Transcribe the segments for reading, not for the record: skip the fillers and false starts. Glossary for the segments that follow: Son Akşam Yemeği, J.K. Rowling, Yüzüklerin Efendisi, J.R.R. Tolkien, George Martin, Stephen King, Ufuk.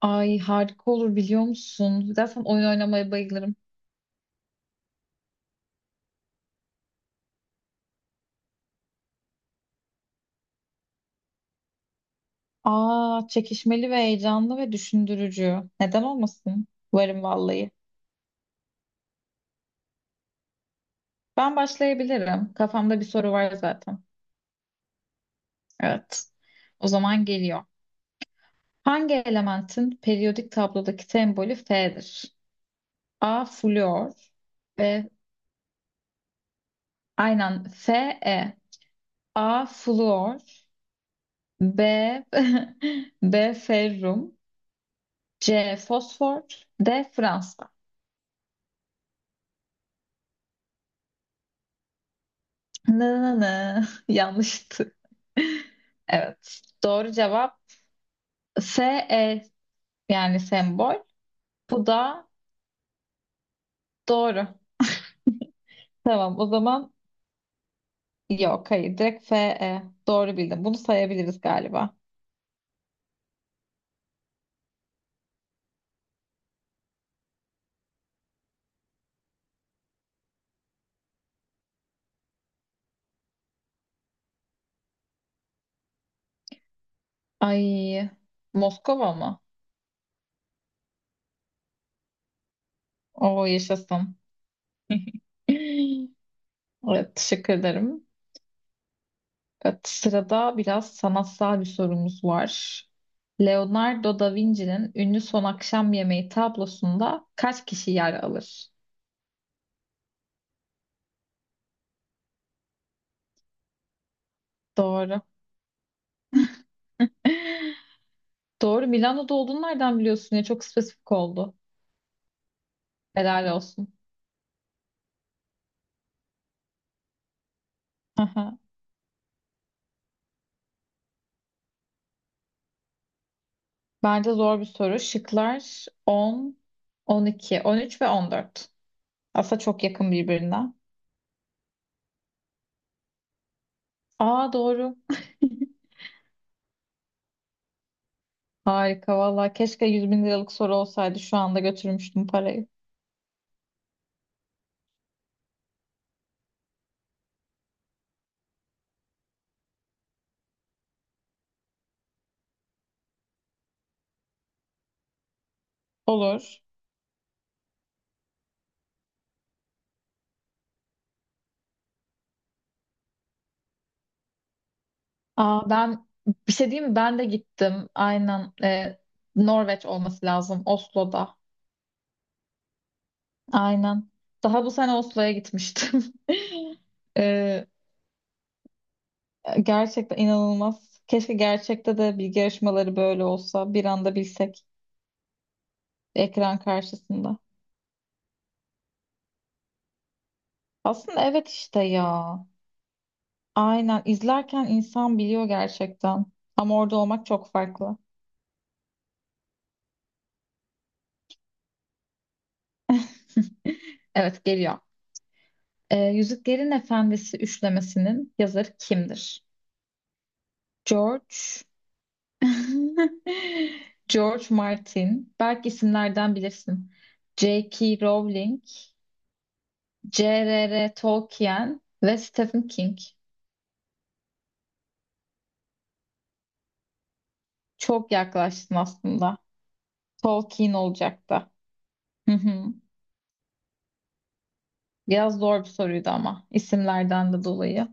Ay harika olur biliyor musun? Zaten oyun oynamaya bayılırım. Aa çekişmeli ve heyecanlı ve düşündürücü. Neden olmasın? Varım vallahi. Ben başlayabilirim. Kafamda bir soru var zaten. Evet. O zaman geliyor. Hangi elementin periyodik tablodaki sembolü Fe'dir? A. Flüor B. Aynen Fe E. A. Flüor B. B. Ferrum C. Fosfor D. Fransız Na na na. Yanlıştı. Evet. Doğru cevap S E yani sembol. Bu da doğru. Tamam o zaman yok hayır direkt F E doğru bildim. Bunu sayabiliriz galiba. Ay Moskova mı? Oo yaşasın. Evet teşekkür ederim. Evet, sırada biraz sanatsal bir sorumuz var. Leonardo da Vinci'nin ünlü Son Akşam Yemeği tablosunda kaç kişi yer alır? Doğru. Doğru. Milano'da olduğunu nereden biliyorsun ya? Çok spesifik oldu. Helal olsun. Aha. Bence zor bir soru. Şıklar 10, 12, 13 ve 14. Aslında çok yakın birbirine. Aa doğru. Harika valla. Keşke 100 bin liralık soru olsaydı. Şu anda götürmüştüm parayı. Olur. Aa, ben bir şey diyeyim mi? Ben de gittim. Aynen. Norveç olması lazım. Oslo'da. Aynen. Daha bu sene Oslo'ya gitmiştim. Ee, Gerçekten inanılmaz. Keşke gerçekte de bilgi yarışmaları böyle olsa. Bir anda bilsek ekran karşısında. Aslında evet işte ya. Aynen. İzlerken insan biliyor gerçekten. Ama orada olmak çok farklı. Evet geliyor. Yüzüklerin Efendisi üçlemesinin yazarı kimdir? George George Martin. Belki isimlerden bilirsin. J.K. Rowling, J.R.R. Tolkien ve Stephen King. Çok yaklaştın aslında. Tolkien olacaktı. Hı hı. Biraz zor bir soruydu ama isimlerden de dolayı.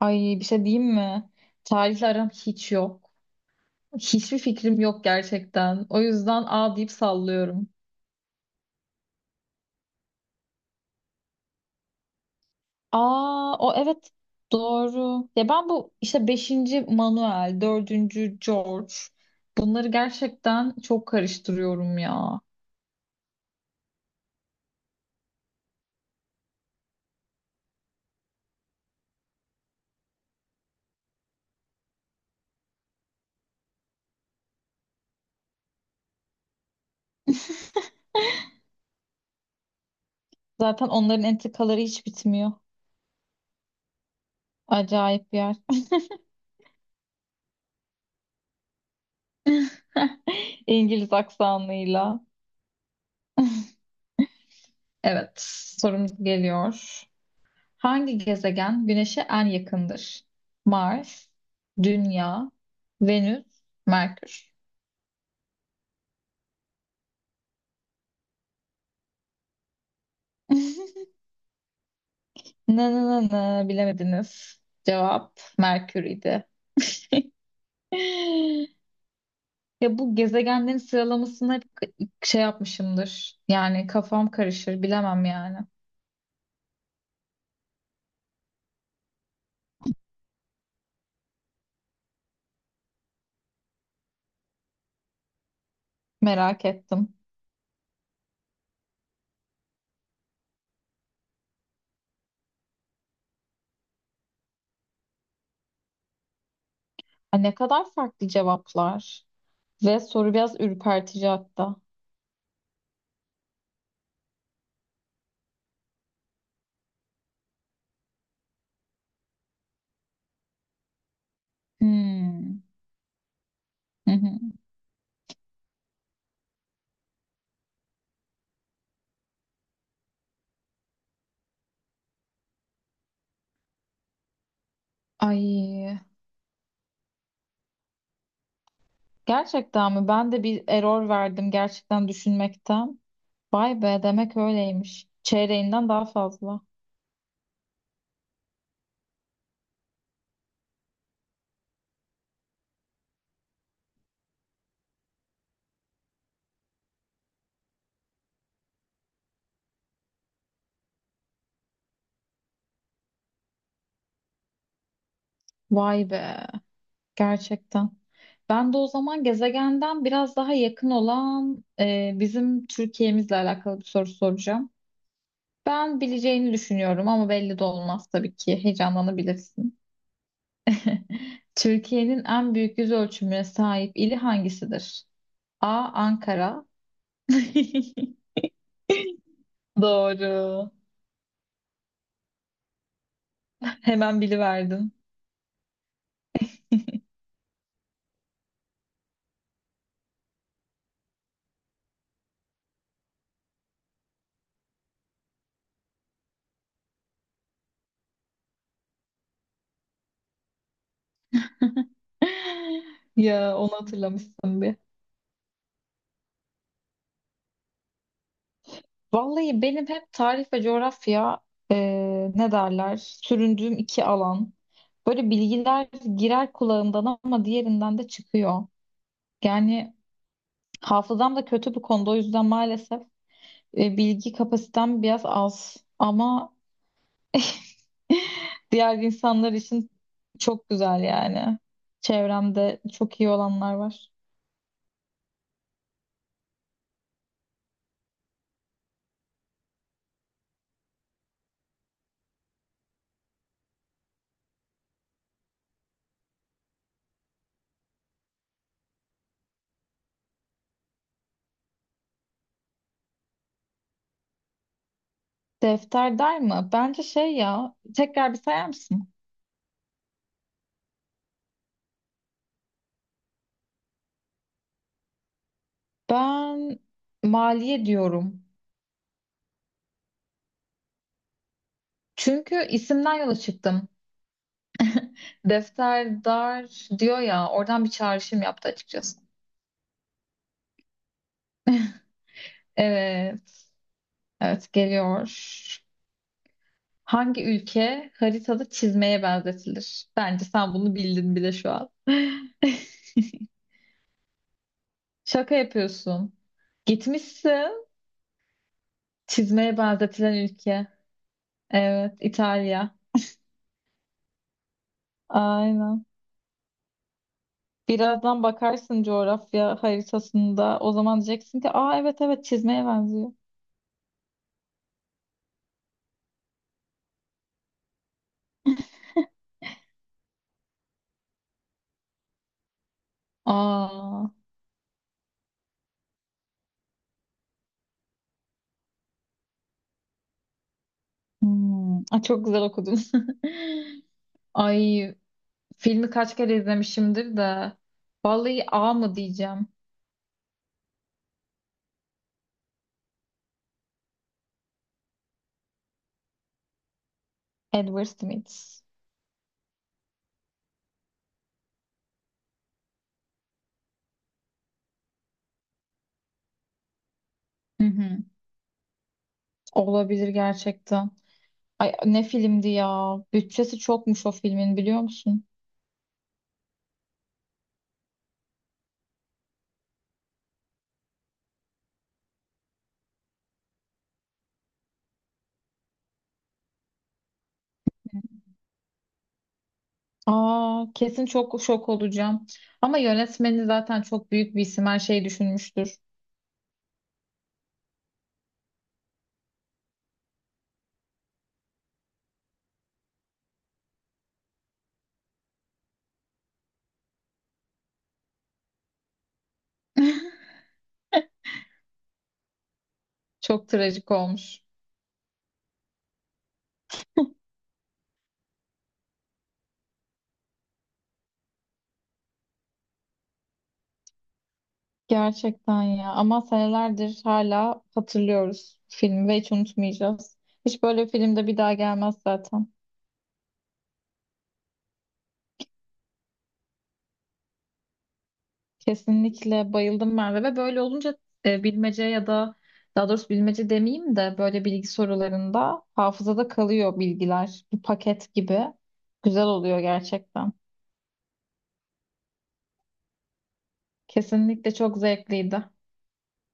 Ay bir şey diyeyim mi? Tarihle aram hiç yok. Hiçbir fikrim yok gerçekten. O yüzden A deyip sallıyorum. Aa, o evet doğru. Ya ben bu işte beşinci Manuel, dördüncü George bunları gerçekten çok karıştırıyorum ya. Zaten onların entrikaları hiç bitmiyor. Acayip bir yer. İngiliz aksanıyla. Evet, sorumuz geliyor. Hangi gezegen Güneş'e en yakındır? Mars, Dünya, Venüs, Merkür. Na na na na bilemediniz. Cevap Merkür idi. Ya bu gezegenlerin sıralamasını hep şey yapmışımdır. Yani kafam karışır bilemem yani. Merak ettim. Ay ne kadar farklı cevaplar. Ve soru biraz ürpertici hatta. Hmm. Hı hı. Ay gerçekten mi? Ben de bir error verdim gerçekten düşünmekten. Vay be demek öyleymiş. Çeyreğinden daha fazla. Vay be. Gerçekten. Ben de o zaman gezegenden biraz daha yakın olan bizim Türkiye'mizle alakalı bir soru soracağım. Ben bileceğini düşünüyorum ama belli de olmaz tabii ki. Heyecanlanabilirsin. Türkiye'nin en büyük yüz ölçümüne sahip ili hangisidir? A. Ankara. Doğru. Hemen biliverdin. Ya onu hatırlamışsın bir. Vallahi benim hep tarih ve coğrafya e, ne derler süründüğüm iki alan. Böyle bilgiler girer kulağımdan ama diğerinden de çıkıyor. Yani hafızam da kötü bu konuda o yüzden maalesef bilgi kapasitem biraz az. Ama diğer insanlar için çok güzel yani. Çevremde çok iyi olanlar var. Defter der mi? Bence şey ya tekrar bir sayar mısın? Ben maliye diyorum. Çünkü isimden yola çıktım. Defterdar diyor ya, oradan bir çağrışım yaptı açıkçası. Evet, evet geliyor. Hangi ülke haritada çizmeye benzetilir? Bence sen bunu bildin bile şu an. Şaka yapıyorsun. Gitmişsin. Çizmeye benzetilen ülke. Evet, İtalya. Aynen. Birazdan bakarsın coğrafya haritasında. O zaman diyeceksin ki, aa evet evet çizmeye benziyor. Aa. Hmm. Aa, çok güzel okudun. Ay filmi kaç kere izlemişimdir de. Vallahi A mı diyeceğim. Edward Smith. Hı hı. Olabilir gerçekten. Ay ne filmdi ya. Bütçesi çokmuş o filmin biliyor musun? Aa kesin çok şok olacağım. Ama yönetmeni zaten çok büyük bir isim her şeyi düşünmüştür. Çok trajik olmuş. Gerçekten ya ama senelerdir hala hatırlıyoruz filmi ve hiç unutmayacağız. Hiç böyle filmde bir daha gelmez zaten. Kesinlikle bayıldım Merve ve böyle olunca bilmece ya da daha doğrusu bilmece demeyeyim de böyle bilgi sorularında hafızada kalıyor bilgiler. Bir paket gibi. Güzel oluyor gerçekten. Kesinlikle çok zevkliydi.